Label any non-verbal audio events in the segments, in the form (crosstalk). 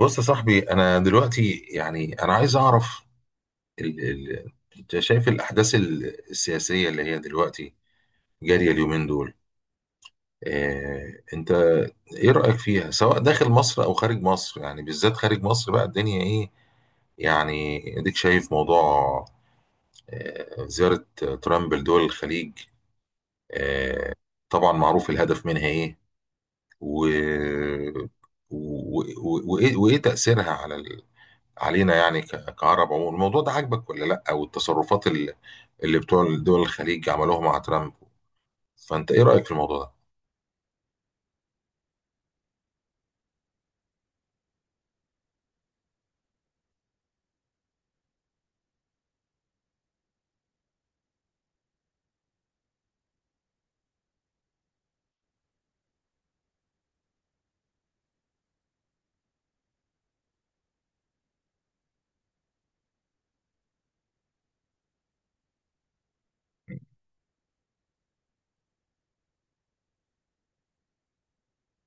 بص يا صاحبي، انا دلوقتي يعني انا عايز اعرف ال... ال... انت شايف الاحداث السياسيه اللي هي دلوقتي جاريه اليومين دول. انت ايه رايك فيها، سواء داخل مصر او خارج مصر، يعني بالذات خارج مصر بقى الدنيا ايه؟ يعني اديك شايف موضوع زياره ترامب لدول الخليج. آه... طبعا معروف الهدف منها ايه، و... و... وايه تاثيرها علينا، يعني كعرب عموما. الموضوع ده عاجبك ولا لا؟ او التصرفات اللي بتوع دول الخليج عملوها مع ترامب، فانت ايه رايك في الموضوع ده؟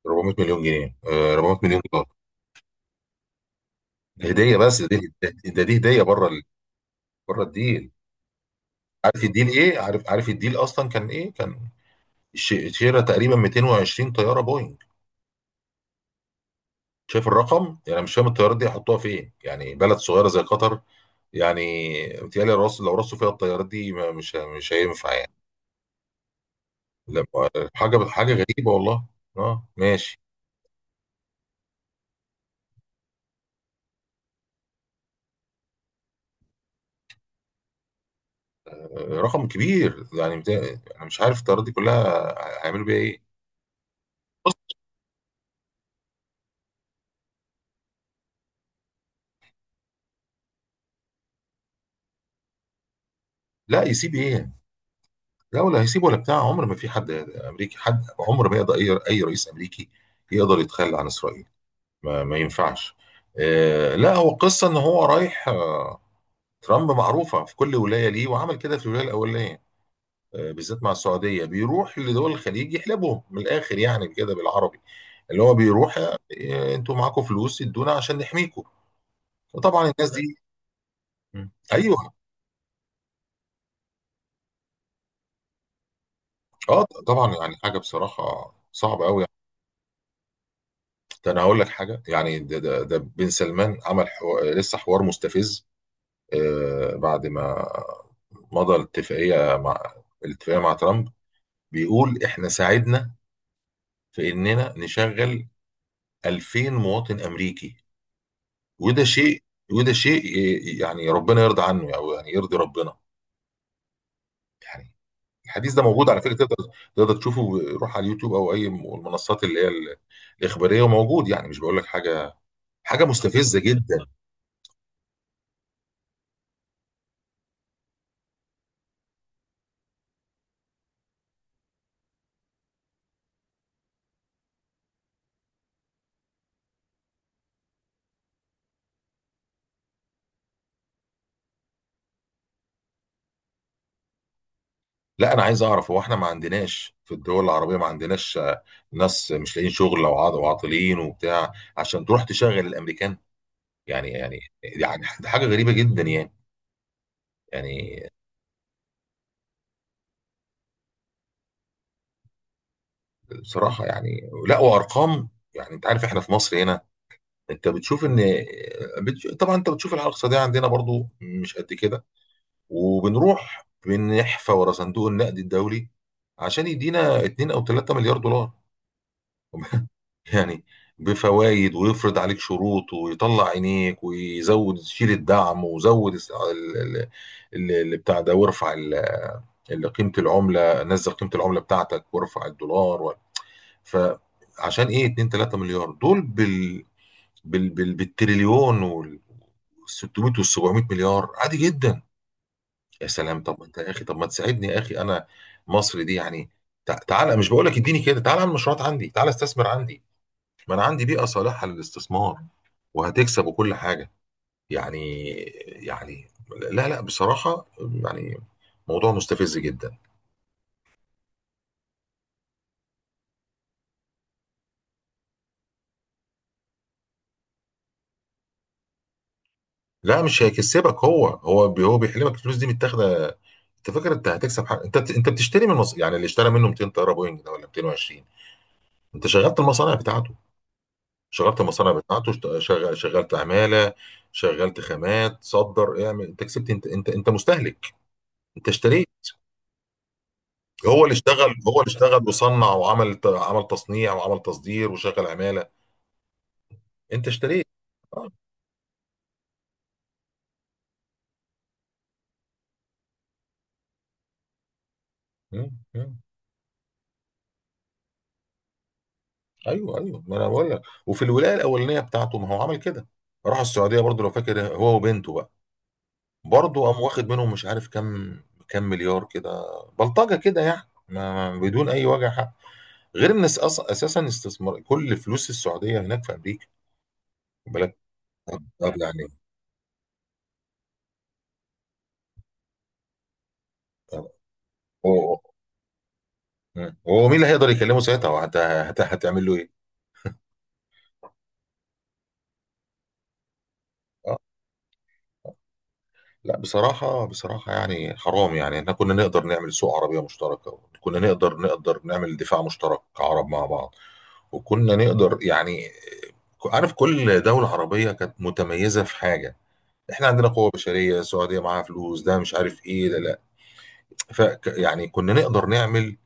400 مليون جنيه، 400 مليون دولار. ده هديه، بس ده دي ده ده دي هديه بره بره الديل. عارف الديل ايه؟ عارف الديل اصلا كان ايه؟ كان شراء تقريبا 220 طياره بوينج. شايف الرقم؟ يعني أنا مش فاهم الطيارات دي هيحطوها فين، يعني بلد صغيره زي قطر يعني. متهيألي رص، لو رصوا فيها الطيارات دي مش هينفع يعني. لا، حاجه غريبه والله. اه ماشي. رقم كبير يعني، انا مش عارف الطيارات دي كلها هيعملوا بيها ايه. بص. لا يسيب ايه؟ لا، ولا هيسيب ولا بتاع. عمر ما في حد امريكي، حد عمر ما يقدر، اي اي رئيس امريكي يقدر يتخلى عن اسرائيل. ما ينفعش. لا، هو قصه ان هو رايح. ترامب معروفه في كل ولايه ليه، وعمل كده في الولايه الاولانيه. بالذات مع السعوديه بيروح لدول الخليج يحلبهم من الاخر، يعني كده بالعربي اللي هو بيروح: إيه، انتوا معاكم فلوس؟ ادونا عشان نحميكم. وطبعا الناس دي. مم. ايوه. اه طبعا، يعني حاجه بصراحه صعبه قوي. ده انا هقول لك حاجه، يعني ده بن سلمان عمل لسه حوار مستفز. بعد ما مضى الاتفاقيه مع ترامب، بيقول احنا ساعدنا في اننا نشغل 2000 مواطن امريكي. وده شيء وده شيء يعني ربنا يرضى عنه، او يعني يرضي ربنا يعني. الحديث ده موجود على فكره، تقدر تشوفه. روح على اليوتيوب او اي المنصات اللي هي الاخباريه، وموجود. يعني مش بقول لك حاجه، حاجه مستفزه جدا. لا، انا عايز اعرف، هو احنا ما عندناش في الدول العربيه، ما عندناش ناس مش لاقيين شغل، او وعاطلين وبتاع عشان تروح تشغل الامريكان؟ يعني ده حاجه غريبه جدا يعني. يعني بصراحه يعني، لا، وارقام. يعني انت عارف احنا في مصر هنا، انت بتشوف ان، طبعا انت بتشوف الحاله الاقتصاديه عندنا برضو مش قد كده، وبنروح بنحفى ورا صندوق النقد الدولي عشان يدينا 2 او 3 مليار دولار. (laughs) يعني بفوائد، ويفرض عليك شروط، ويطلع عينيك، ويزود، شيل الدعم، وزود اللي بتاع ده، وارفع اللي قيمة العملة، نزل قيمة العملة بتاعتك وارفع الدولار. فعشان ايه؟ 2 3 مليار دول بالتريليون، وال 600 وال 700 مليار عادي جدا. يا سلام، طب انت يا اخي، طب ما تساعدني يا اخي، انا مصر دي يعني. تعالى، مش بقول لك اديني، كده تعالى على المشروعات عندي، تعالى استثمر عندي، ما انا عندي بيئه صالحه للاستثمار، وهتكسب وكل حاجه يعني. يعني لا لا، بصراحه يعني موضوع مستفز جدا. لا، مش هيكسبك، هو هو بيحلمك، الفلوس دي متاخده. انت فاكر انت هتكسب حاجه؟ انت بتشتري من مصر يعني؟ اللي اشترى منه 200 طياره بوينج ده ولا 220. انت شغلت المصانع بتاعته، شغلت عماله، شغلت خامات، صدر، اعمل. انت كسبت؟ انت مستهلك، انت اشتريت. هو اللي اشتغل، هو اللي اشتغل وصنع وعمل ت- عمل تصنيع وعمل تصدير وشغل عماله. انت اشتريت. آه. مم. مم. ايوه ايوه، ما انا بقول لك، وفي الولايه الاولانيه بتاعته ما هو عمل كده. راح السعوديه برضه لو فاكر هو وبنته بقى، برضه قام واخد منهم مش عارف كام، كام مليار كده، بلطجه كده يعني، بدون اي وجع حق. غير ان اساسا استثمار كل فلوس السعوديه هناك في امريكا، خد بالك. طب يعني، آه، هو. مم. هو مين اللي هيقدر يكلمه ساعتها؟ وهت- هت- هتعمل له ايه؟ آه. لا، بصراحه يعني حرام، يعني احنا كنا نقدر نعمل سوق عربيه مشتركه، كنا نقدر، نعمل دفاع مشترك كعرب مع بعض، وكنا نقدر يعني، عارف، كل دوله عربيه كانت متميزه في حاجه، احنا عندنا قوة بشرية، السعودية معاها فلوس، ده مش عارف ايه ده، لا. ف يعني كنا نقدر نعمل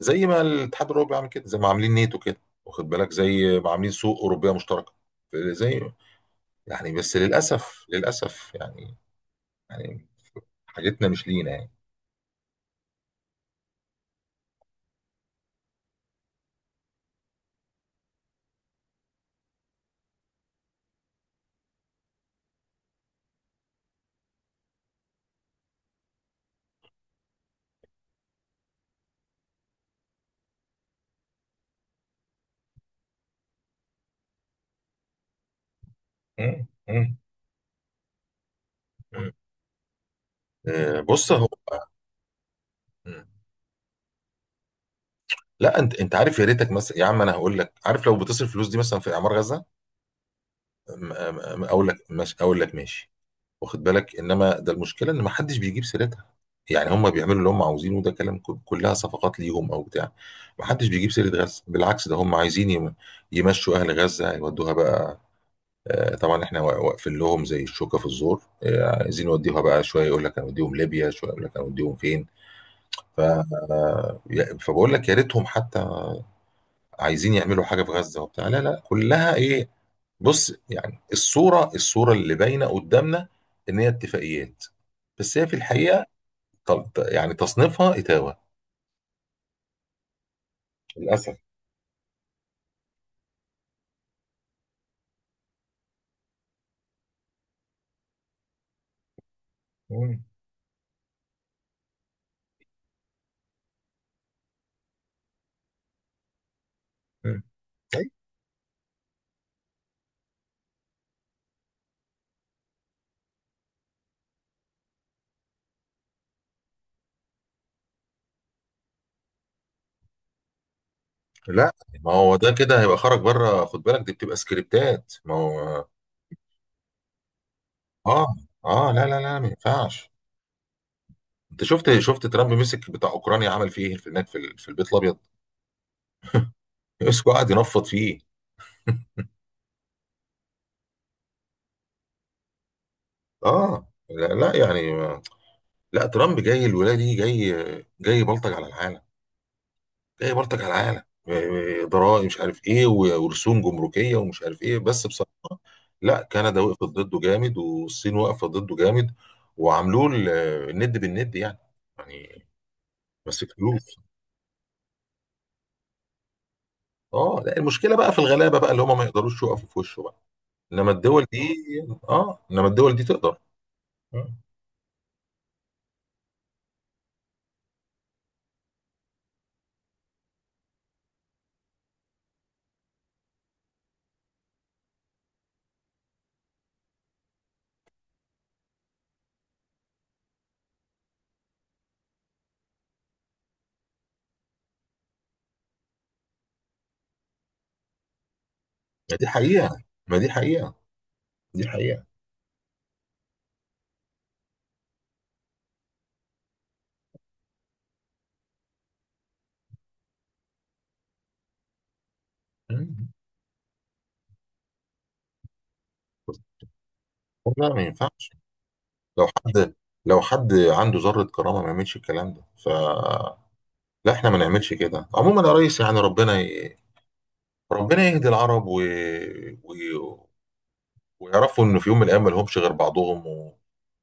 زي ما الاتحاد الاوروبي عامل كده، زي ما عاملين نيتو كده، واخد بالك، زي ما عاملين سوق اوروبيه مشتركه زي. يعني بس للاسف يعني، يعني حاجتنا مش لينا يعني. مم. مم. مم. بص هو. مم. لا، انت، انت عارف، يا ريتك مثلا يا عم، انا هقول لك، عارف، لو بتصرف الفلوس دي مثلا في اعمار غزه، اقول لك ماشي، اقول لك ماشي، واخد بالك. انما ده المشكله ان ما حدش بيجيب سيرتها، يعني هم بيعملوا اللي هم عاوزينه، وده كلام كلها صفقات ليهم او بتاع. ما حدش بيجيب سيره غزه، بالعكس، ده هم عايزين يمشوا اهل غزه، يودوها بقى. طبعا احنا واقفين لهم زي الشوكه في الزور. عايزين يوديوها بقى، شويه يقول لك هنوديهم ليبيا، شويه يقول لك هنوديهم فين. فبقول لك يا ريتهم حتى عايزين يعملوا حاجه في غزه وبتاع، لا لا، كلها ايه. بص، يعني الصوره، الصوره اللي باينه قدامنا ان هي اتفاقيات، بس هي في الحقيقه يعني تصنيفها اتاوه للاسف. مم. مم. طيب. لا، ما هو ده كده هيبقى خرج بره خد بالك، دي بتبقى سكريبتات، ما هو. اه. اه لا لا لا، ما ينفعش. انت شفت، ترامب مسك بتاع اوكرانيا عمل فيه ايه في هناك، في البيت الابيض؟ (laughs) مسكه، قعد ينفض فيه. اه، لا, لا يعني، لا، ترامب جاي الولايه دي، جاي، جاي بلطج على العالم، جاي بلطج على العالم. ضرائب مش عارف ايه ورسوم جمركيه ومش عارف ايه، بس بصراحه لا، كندا وقفت ضده جامد، والصين واقفه ضده جامد، وعاملوه الند بالند يعني. يعني ماسك فلوس. اه لا، المشكله بقى في الغلابه بقى، اللي هم ما يقدروش يقفوا في وشه بقى، انما الدول دي، اه، انما الدول دي تقدر. مم. ما دي حقيقه، ما دي حقيقه، دي حقيقه. مم. لا، ما ينفعش. لو حد لو حد عنده ذرة كرامة ما يعملش الكلام ده. ف لا، احنا ما نعملش كده عموما يا ريس، يعني ربنا ربنا يهدي العرب، و... ويعرفوا انه في يوم من الايام ما لهمش غير بعضهم،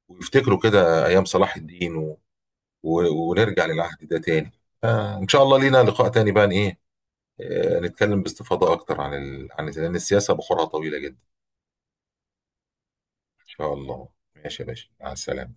ويفتكروا كده ايام صلاح الدين، و... ونرجع للعهد ده تاني. ان شاء الله لينا لقاء تاني بقى ايه. نتكلم باستفاضة اكتر عن لان السياسة بحورها طويلة جدا. ان شاء الله. ماشي يا باشا، مع السلامة.